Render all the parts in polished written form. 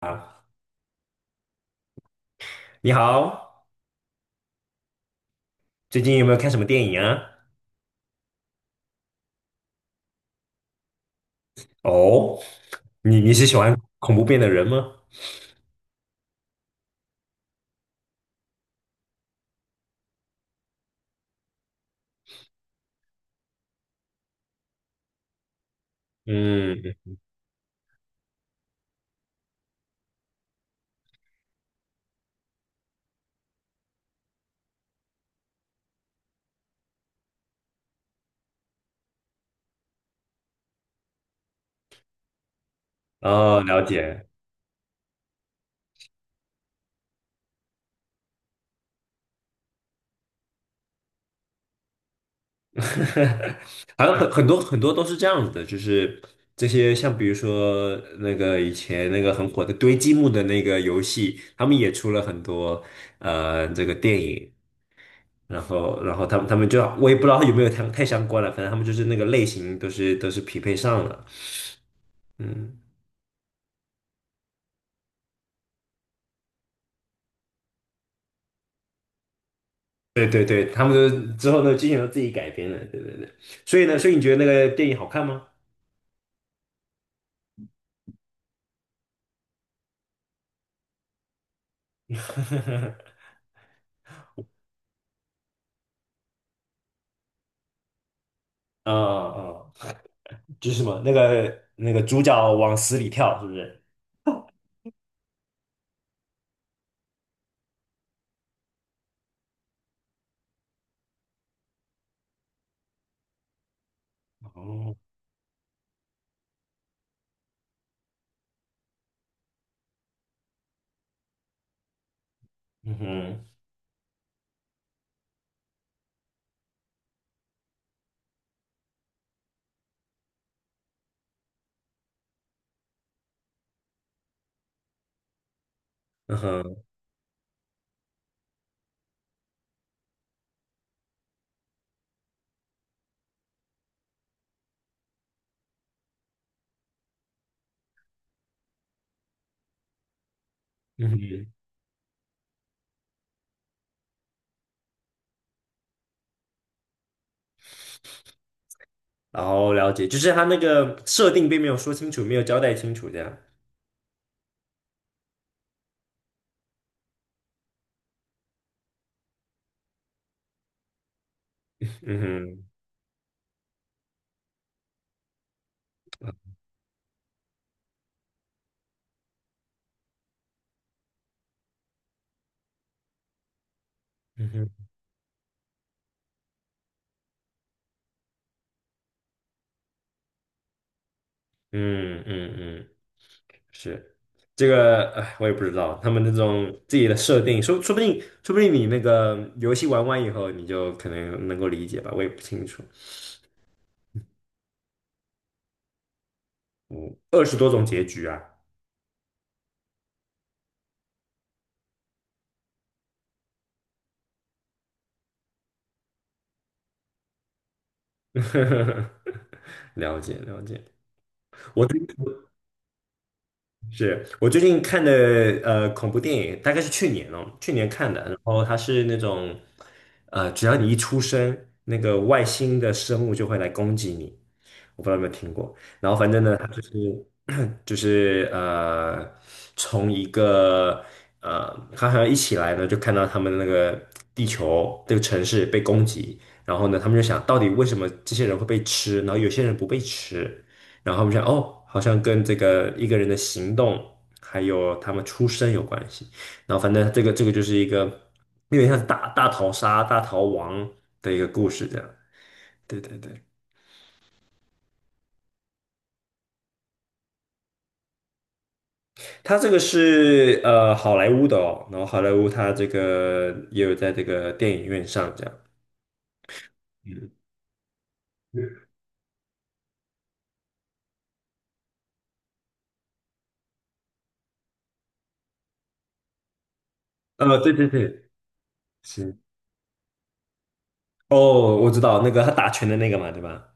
啊，你好，最近有没有看什么电影啊？哦，你是喜欢恐怖片的人吗？嗯，哦，了解。好像很多很多都是这样子的，就是这些像比如说那个以前那个很火的堆积木的那个游戏，他们也出了很多这个电影，然后他们就我也不知道有没有太相关了，反正他们就是那个类型都是匹配上了，嗯。对对对，他们都之后那个剧情都自己改编了，对对对。所以呢，所以你觉得那个电影好看吗？啊啊，就是什么那个主角往死里跳，是不是？哦，嗯哼，嗯哼，嗯哼，然后了解，就是他那个设定并没有说清楚，没有交代清楚，这样。嗯哼，嗯哼，嗯嗯嗯。是这个，哎，我也不知道他们那种自己的设定，说不定你那个游戏玩完以后，你就可能能够理解吧，我也不清楚。嗯，20多种结局啊，了解了解。我。是我最近看的恐怖电影，大概是去年看的。然后它是那种只要你一出生，那个外星的生物就会来攻击你。我不知道有没有听过。然后反正呢，它就是 就是从一个它好像一起来呢，就看到他们那个地球这个城市被攻击，然后呢，他们就想到底为什么这些人会被吃，然后有些人不被吃。然后我们想，哦，好像跟这个一个人的行动，还有他们出身有关系。然后反正这个就是一个有点像大逃杀、大逃亡的一个故事这样。对对对，他这个是好莱坞的哦，然后好莱坞他这个也有在这个电影院上这样。嗯，对对对，是。哦，我知道那个他打拳的那个嘛，对吧？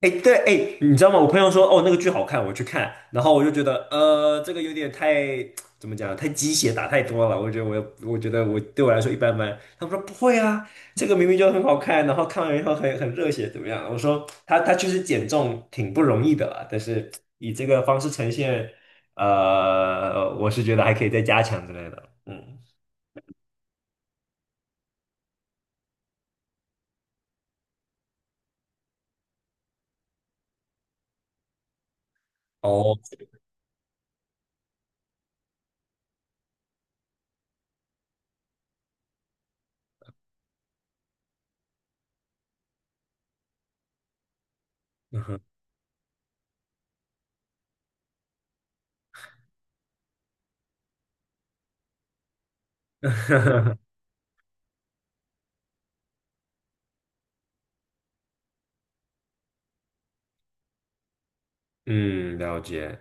哎，对，哎，你知道吗？我朋友说，哦，那个剧好看，我去看，然后我就觉得，这个有点太，怎么讲，太鸡血打太多了。我觉得我对我来说一般般。他们说不会啊，这个明明就很好看，然后看完以后很热血，怎么样？我说他确实减重挺不容易的啦，但是以这个方式呈现，我是觉得还可以再加强之类的。嗯，哦，嗯哼 嗯，了解。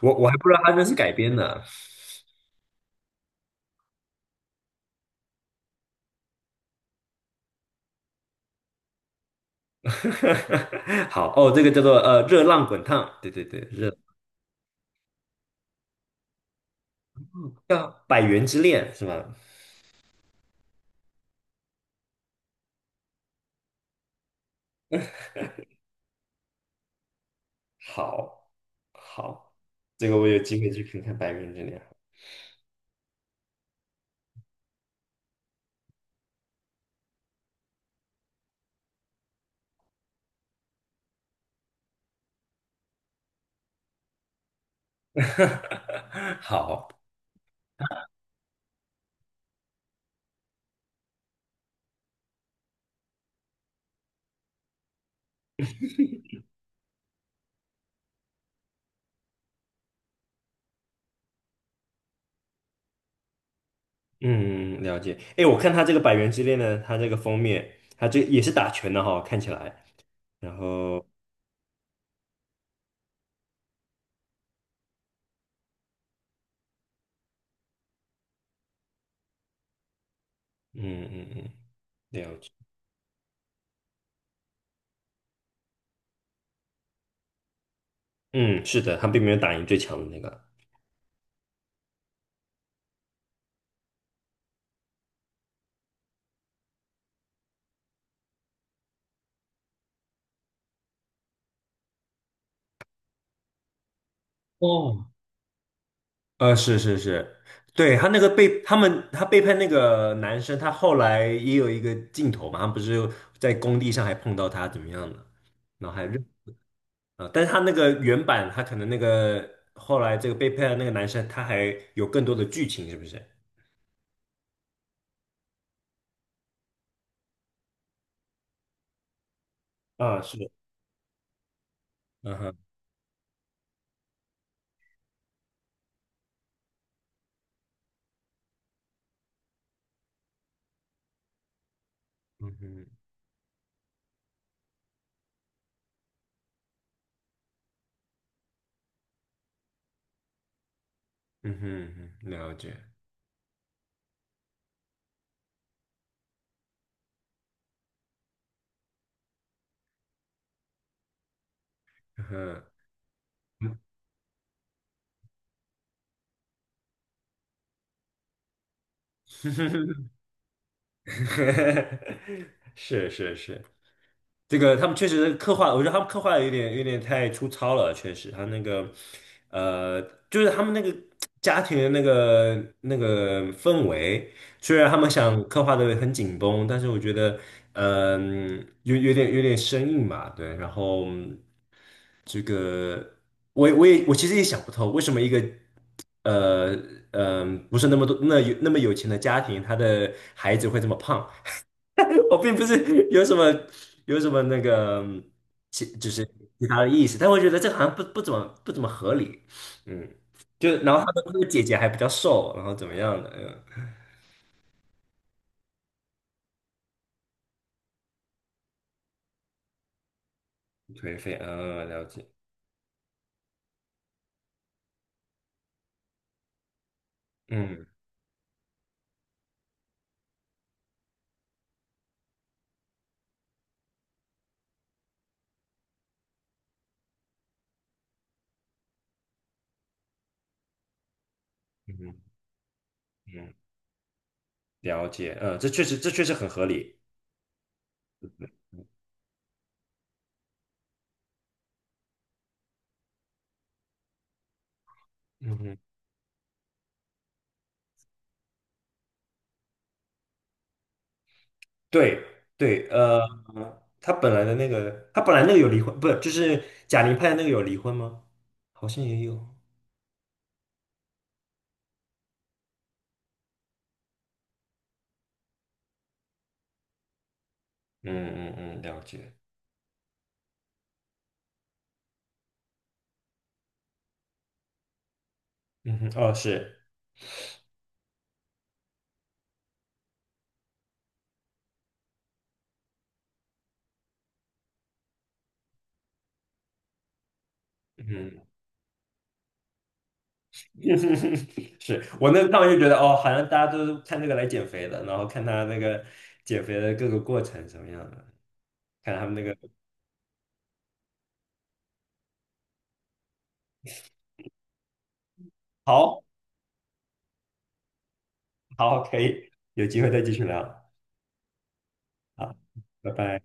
我还不知道他这是改编的。好哦，这个叫做热浪滚烫，对对对，叫《百元之恋》是吗？好，好，这个我有机会去看看《百元之恋》。好，嗯，了解。哎，我看他这个《百元之恋》呢，他这个封面，他这也是打拳的哈、看起来。然后，嗯嗯嗯，了解。嗯，是的，他并没有打赢最强的那个。哦，是是是，对，他背叛那个男生，他后来也有一个镜头嘛，他不是在工地上还碰到他怎么样的，然后还认，啊，但是他那个原版，他可能那个后来这个背叛的那个男生，他还有更多的剧情，是不是？啊，是，嗯哼，嗯哼，嗯哼，嗯哼了解，嗯哼，是是是，这个他们确实刻画，我觉得他们刻画的有点太粗糙了，确实，他那个呃，就是他们那个家庭的那个氛围，虽然他们想刻画的很紧绷，但是我觉得有点生硬嘛，对，然后这个我其实也想不透，为什么一个呃不是那么多那有那么有钱的家庭，他的孩子会这么胖。我并不是有什么那个就是其他的意思，但我觉得这个好像不怎么合理，嗯，就然后她的那个姐姐还比较瘦，然后怎么样的，嗯，颓废，嗯，了解，嗯嗯嗯，了解，嗯，这确实很合理，嗯哼，对对，他本来那个有离婚，不是就是贾玲拍的那个有离婚吗？好像也有，嗯嗯嗯，了解，嗯哼，哦是。嗯。是我那趟就觉得哦，好像大家都是看这个来减肥的，然后看他那个减肥的各个过程什么样的，看他们那个好，好可以，有机会再继续聊，好，拜拜。